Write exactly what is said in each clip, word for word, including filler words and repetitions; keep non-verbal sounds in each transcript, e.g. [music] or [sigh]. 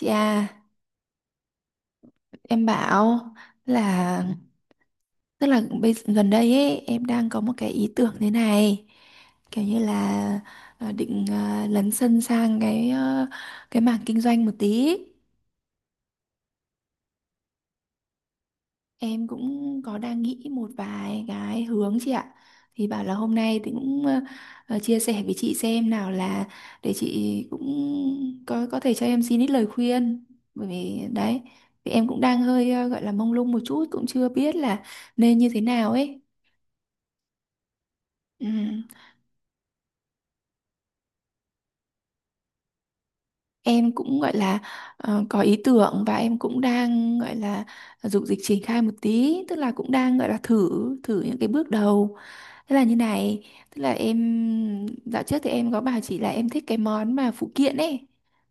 Chị à, em bảo là tức là bây, gần đây ấy em đang có một cái ý tưởng thế này kiểu như là ờ, định ờ, lấn sân sang cái ờ, cái mảng kinh doanh một tí. Em cũng có đang nghĩ một vài cái hướng chị ạ. Thì bảo là hôm nay thì cũng ờ, ờ, chia sẻ với chị xem nào, là để chị cũng có có thể cho em xin ít lời khuyên. Bởi vì đấy, thì em cũng đang hơi ờ, gọi là mông lung một chút, cũng chưa biết là nên như thế nào ấy. Ừm, Em cũng gọi là ờ, có ý tưởng, và em cũng đang gọi là dục dịch triển khai một tí, tức là cũng đang gọi là thử thử những cái bước đầu. Thế là như này, tức là em dạo trước thì em có bảo chị là em thích cái món mà phụ kiện ấy.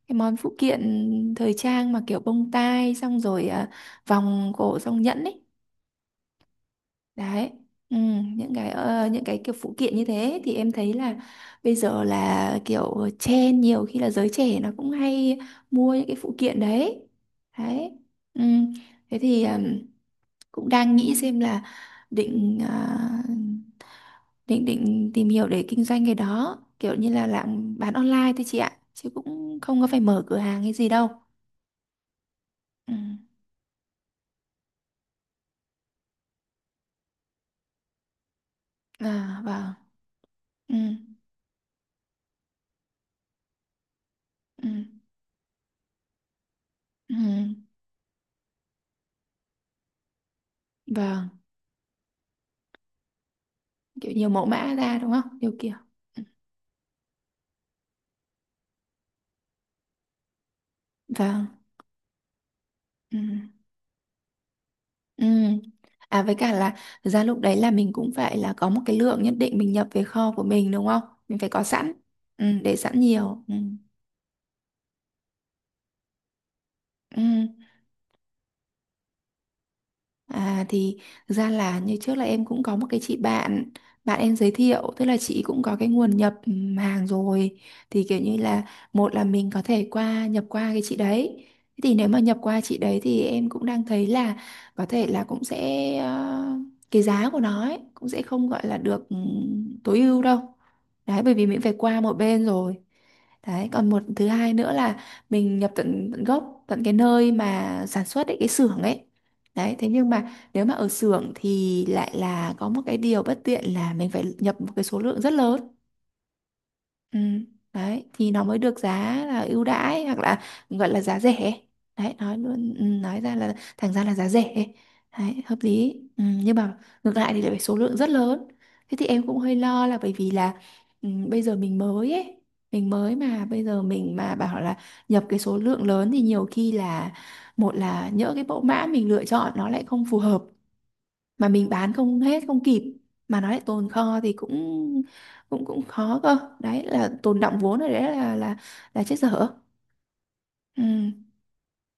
Cái món phụ kiện thời trang mà kiểu bông tai xong rồi à, vòng cổ xong nhẫn ấy. Đấy. Ừ, những cái ờ, những cái kiểu phụ kiện như thế thì em thấy là bây giờ là kiểu trend, nhiều khi là giới trẻ nó cũng hay mua những cái phụ kiện đấy. Đấy. Ừ. Thế thì ừm, cũng đang nghĩ xem là định à, định định tìm hiểu để kinh doanh cái đó, kiểu như là làm bán online thôi chị ạ, chứ cũng không có phải mở cửa hàng hay gì đâu. Ừ. À vâng. Ừ. Ừ. Ừ. Vâng, kiểu nhiều mẫu mã ra đúng không, nhiều kiểu. Ừ. Vâng. Ừ. Ừ. À với cả là thực ra lúc đấy là mình cũng phải là có một cái lượng nhất định mình nhập về kho của mình đúng không, mình phải có sẵn. Ừ, để sẵn nhiều. Ừ. Ừ. À thì thực ra là như trước là em cũng có một cái chị bạn, bạn em giới thiệu, tức là chị cũng có cái nguồn nhập ừm, hàng rồi, thì kiểu như là một là mình có thể qua nhập qua cái chị đấy. Thế thì nếu mà nhập qua chị đấy thì em cũng đang thấy là có thể là cũng sẽ ờ, cái giá của nó ấy, cũng sẽ không gọi là được ừm, tối ưu đâu, đấy, bởi vì mình phải qua một bên rồi. Đấy, còn một, thứ hai nữa là mình nhập tận, tận gốc, tận cái nơi mà sản xuất ấy, cái xưởng ấy. Đấy, thế nhưng mà nếu mà ở xưởng thì lại là có một cái điều bất tiện, là mình phải nhập một cái số lượng rất lớn. Ừ. Đấy, thì nó mới được giá là ưu đãi, hoặc là gọi là giá rẻ. Đấy, nói luôn, ừ, nói ra là thành ra là giá rẻ. Đấy, hợp lý. Ừ, nhưng mà ngược lại thì lại phải số lượng rất lớn. Thế thì em cũng hơi lo là bởi vì là ừ, bây giờ mình mới ấy, mình mới mà bây giờ mình mà bảo là nhập cái số lượng lớn thì nhiều khi là một là nhỡ cái mẫu mã mình lựa chọn nó lại không phù hợp, mà mình bán không hết không kịp, mà nó lại tồn kho thì cũng cũng cũng khó cơ, đấy là tồn đọng vốn rồi, đấy là là là chết dở. Ừ.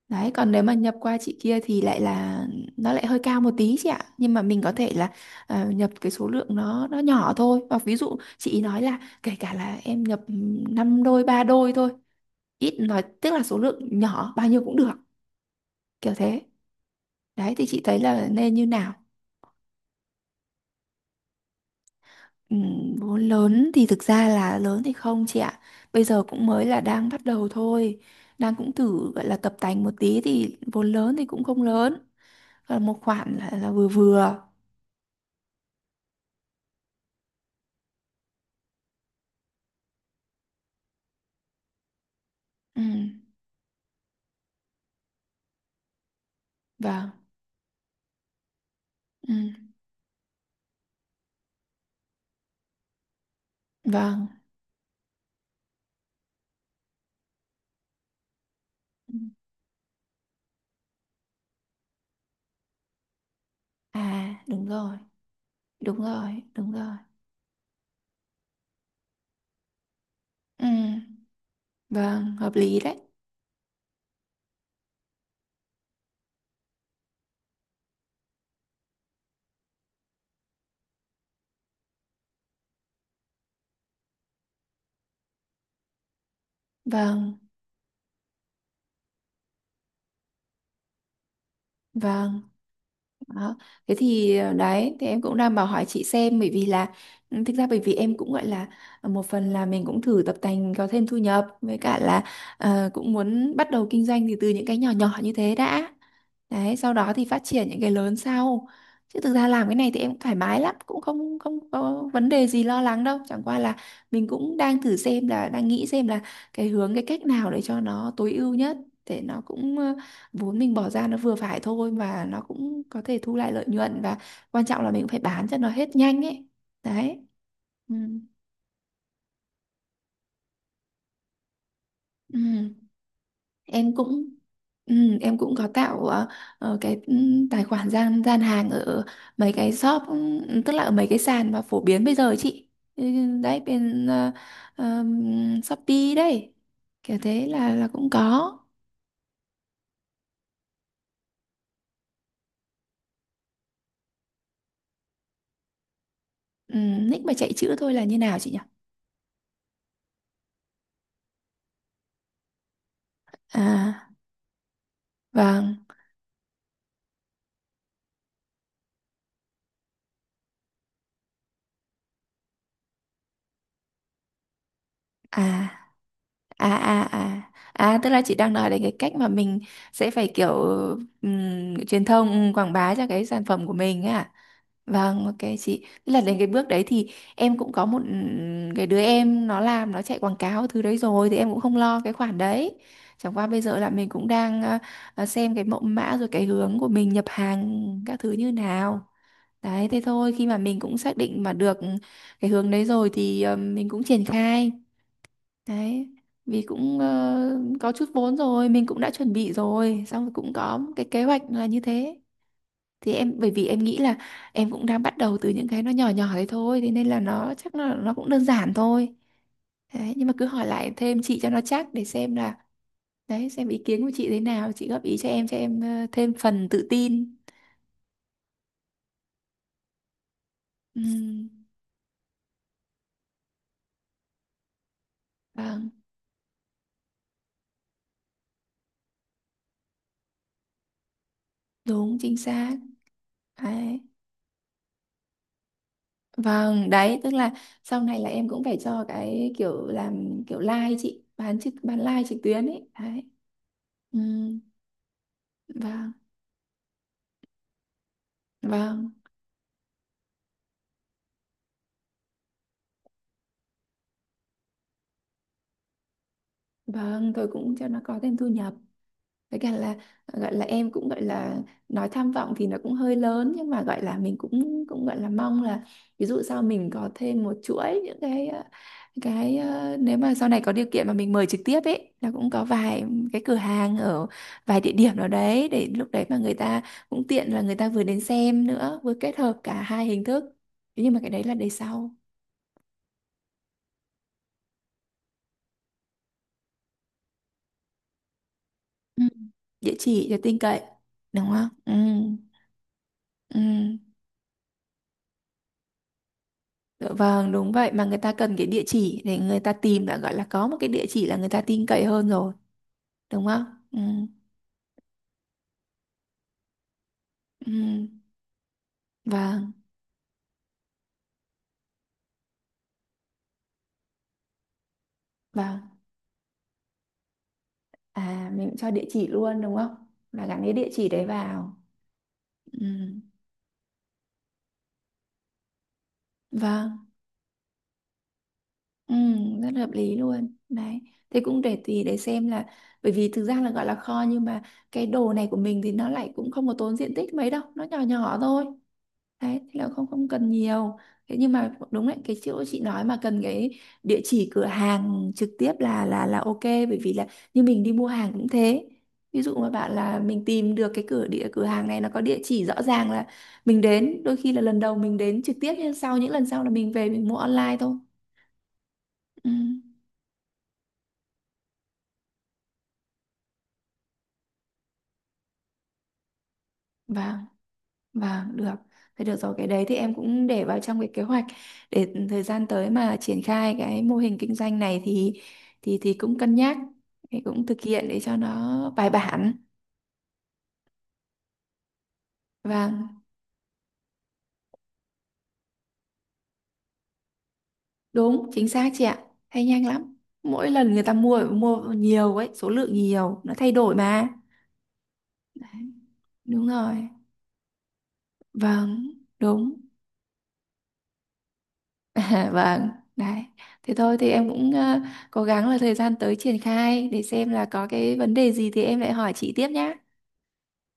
Đấy, còn nếu mà nhập qua chị kia thì lại là nó lại hơi cao một tí chị ạ, nhưng mà mình có thể là ờ, nhập cái số lượng nó nó nhỏ thôi, và ví dụ chị ý nói là kể cả là em nhập năm đôi ba đôi thôi, ít nói tức là số lượng nhỏ bao nhiêu cũng được, kiểu thế. Đấy, thì chị thấy là nên như nào? Ừ, vốn lớn thì thực ra là lớn thì không chị ạ. Bây giờ cũng mới là đang bắt đầu thôi. Đang cũng thử gọi là tập tành một tí thì vốn lớn thì cũng không lớn. Còn một khoản là, là vừa vừa. Ừ, vâng, ừ, vâng. Ừ. À, đúng rồi, đúng rồi, đúng rồi. Ừ, vâng, hợp lý đấy. Vâng, vâng. Đó. Thế thì ờ, đấy thì em cũng đang bảo hỏi chị xem, bởi vì là ừ, thực ra bởi vì em cũng gọi là ờ, một phần là mình cũng thử tập tành có thêm thu nhập, với cả là ờ, cũng muốn bắt đầu kinh doanh thì từ những cái nhỏ nhỏ như thế đã, đấy sau đó thì phát triển những cái lớn sau. Chứ thực ra làm cái này thì em cũng thoải mái lắm, cũng không không có vấn đề gì lo lắng đâu, chẳng qua là mình cũng đang thử xem là đang nghĩ xem là cái hướng, cái cách nào để cho nó tối ưu nhất, để nó cũng ờ, vốn mình bỏ ra nó vừa phải thôi, mà nó cũng có thể thu lại lợi nhuận, và quan trọng là mình cũng phải bán cho nó hết nhanh ấy. Đấy. Ừ. Ừ. em cũng Ừ, em cũng có tạo ờ, ờ, cái ừ, tài khoản gian gian hàng ở mấy cái shop, ừ, tức là ở mấy cái sàn mà phổ biến bây giờ ấy chị. Ừ, đấy bên ờ, ờm, Shopee đấy, kiểu thế, là là cũng có. Ừ. Nick mà chạy chữ thôi là như nào chị nhỉ? À vâng. à à à à À, tức là chị đang nói đến cái cách mà mình sẽ phải kiểu ừm, truyền thông, ừm, quảng bá cho cái sản phẩm của mình ấy à? Vâng, ok chị, tức là đến cái bước đấy thì em cũng có một ừm, cái đứa em nó làm, nó chạy quảng cáo thứ đấy rồi, thì em cũng không lo cái khoản đấy. Chẳng qua bây giờ là mình cũng đang ờ, ờ, xem cái mẫu mã rồi cái hướng của mình nhập hàng các thứ như nào. Đấy, thế thôi, khi mà mình cũng xác định mà được cái hướng đấy rồi thì ờ, mình cũng triển khai. Đấy, vì cũng ờ, có chút vốn rồi, mình cũng đã chuẩn bị rồi, xong rồi cũng có một cái kế hoạch là như thế. Thì em bởi vì em nghĩ là em cũng đang bắt đầu từ những cái nó nhỏ nhỏ đấy thôi, thế nên là nó chắc là nó cũng đơn giản thôi. Đấy, nhưng mà cứ hỏi lại thêm chị cho nó chắc, để xem là đấy xem ý kiến của chị thế nào, chị góp ý cho em, cho em ờ, thêm phần tự tin. Ừ, vâng, đúng chính xác. Đấy. Vâng, đấy, tức là sau này là em cũng phải cho cái kiểu làm kiểu live chị, bán trực bán live trực tuyến ấy. Đấy. Ừ, vâng, vâng, vâng, tôi cũng cho nó có thêm thu nhập. Với cả là gọi là em cũng gọi là nói tham vọng thì nó cũng hơi lớn, nhưng mà gọi là mình cũng cũng gọi là mong là ví dụ sau mình có thêm một chuỗi những cái ờ, cái ờ, nếu mà sau này có điều kiện mà mình mời trực tiếp ấy, là cũng có vài cái cửa hàng ở vài địa điểm nào đấy, để lúc đấy mà người ta cũng tiện là người ta vừa đến xem nữa, vừa kết hợp cả hai hình thức. Thế nhưng mà cái đấy là đời sau. Ừ. Địa chỉ cho tin cậy đúng không? Ừ. Ừ. Dạ vâng, đúng vậy, mà người ta cần cái địa chỉ để người ta tìm đã, gọi là có một cái địa chỉ là người ta tin cậy hơn rồi, đúng không? Ừ. Ừ. Vâng, vâng. À mình cũng cho địa chỉ luôn đúng không? Là gắn cái địa chỉ đấy vào. Ừ. Vâng. Ừ, rất hợp lý luôn. Đấy. Thế cũng để tùy để xem là, bởi vì thực ra là gọi là kho, nhưng mà cái đồ này của mình thì nó lại cũng không có tốn diện tích mấy đâu, nó nhỏ nhỏ thôi. Đấy, thế là không không cần nhiều. Thế nhưng mà đúng đấy, cái chỗ chị nói mà cần cái địa chỉ cửa hàng trực tiếp là là là ok, bởi vì là như mình đi mua hàng cũng thế. Ví dụ mà bạn là mình tìm được cái cửa địa cửa hàng này nó có địa chỉ rõ ràng là mình đến, đôi khi là lần đầu mình đến trực tiếp, nhưng sau những lần sau là mình về mình mua online thôi. Ừ. Vâng. Vâng, được. Thế được rồi, cái đấy thì em cũng để vào trong cái kế hoạch, để thời gian tới mà triển khai cái mô hình kinh doanh này thì thì thì cũng cân nhắc, thì cũng thực hiện để cho nó bài bản. Vâng, đúng, chính xác chị ạ. Thay nhanh lắm. Mỗi lần người ta mua mua nhiều ấy, số lượng nhiều, nó thay đổi mà. Đấy, đúng rồi. Vâng, đúng. [laughs] À, vâng, đấy. Thế thôi thì em cũng ờ, cố gắng là thời gian tới triển khai, để xem là có cái vấn đề gì thì em lại hỏi chị tiếp nhá.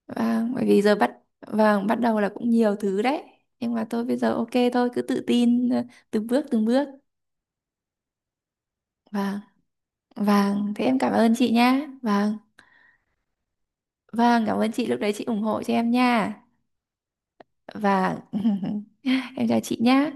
Vâng, bởi vì giờ bắt vâng, bắt đầu là cũng nhiều thứ đấy. Nhưng mà tôi bây giờ ok thôi, cứ tự tin, ờ, từng bước từng bước. Vâng, vâng, thế em cảm ơn chị nhá. Vâng, vâng, cảm ơn chị, lúc đấy chị ủng hộ cho em nha. Vâng. [laughs] Em chào chị nhá.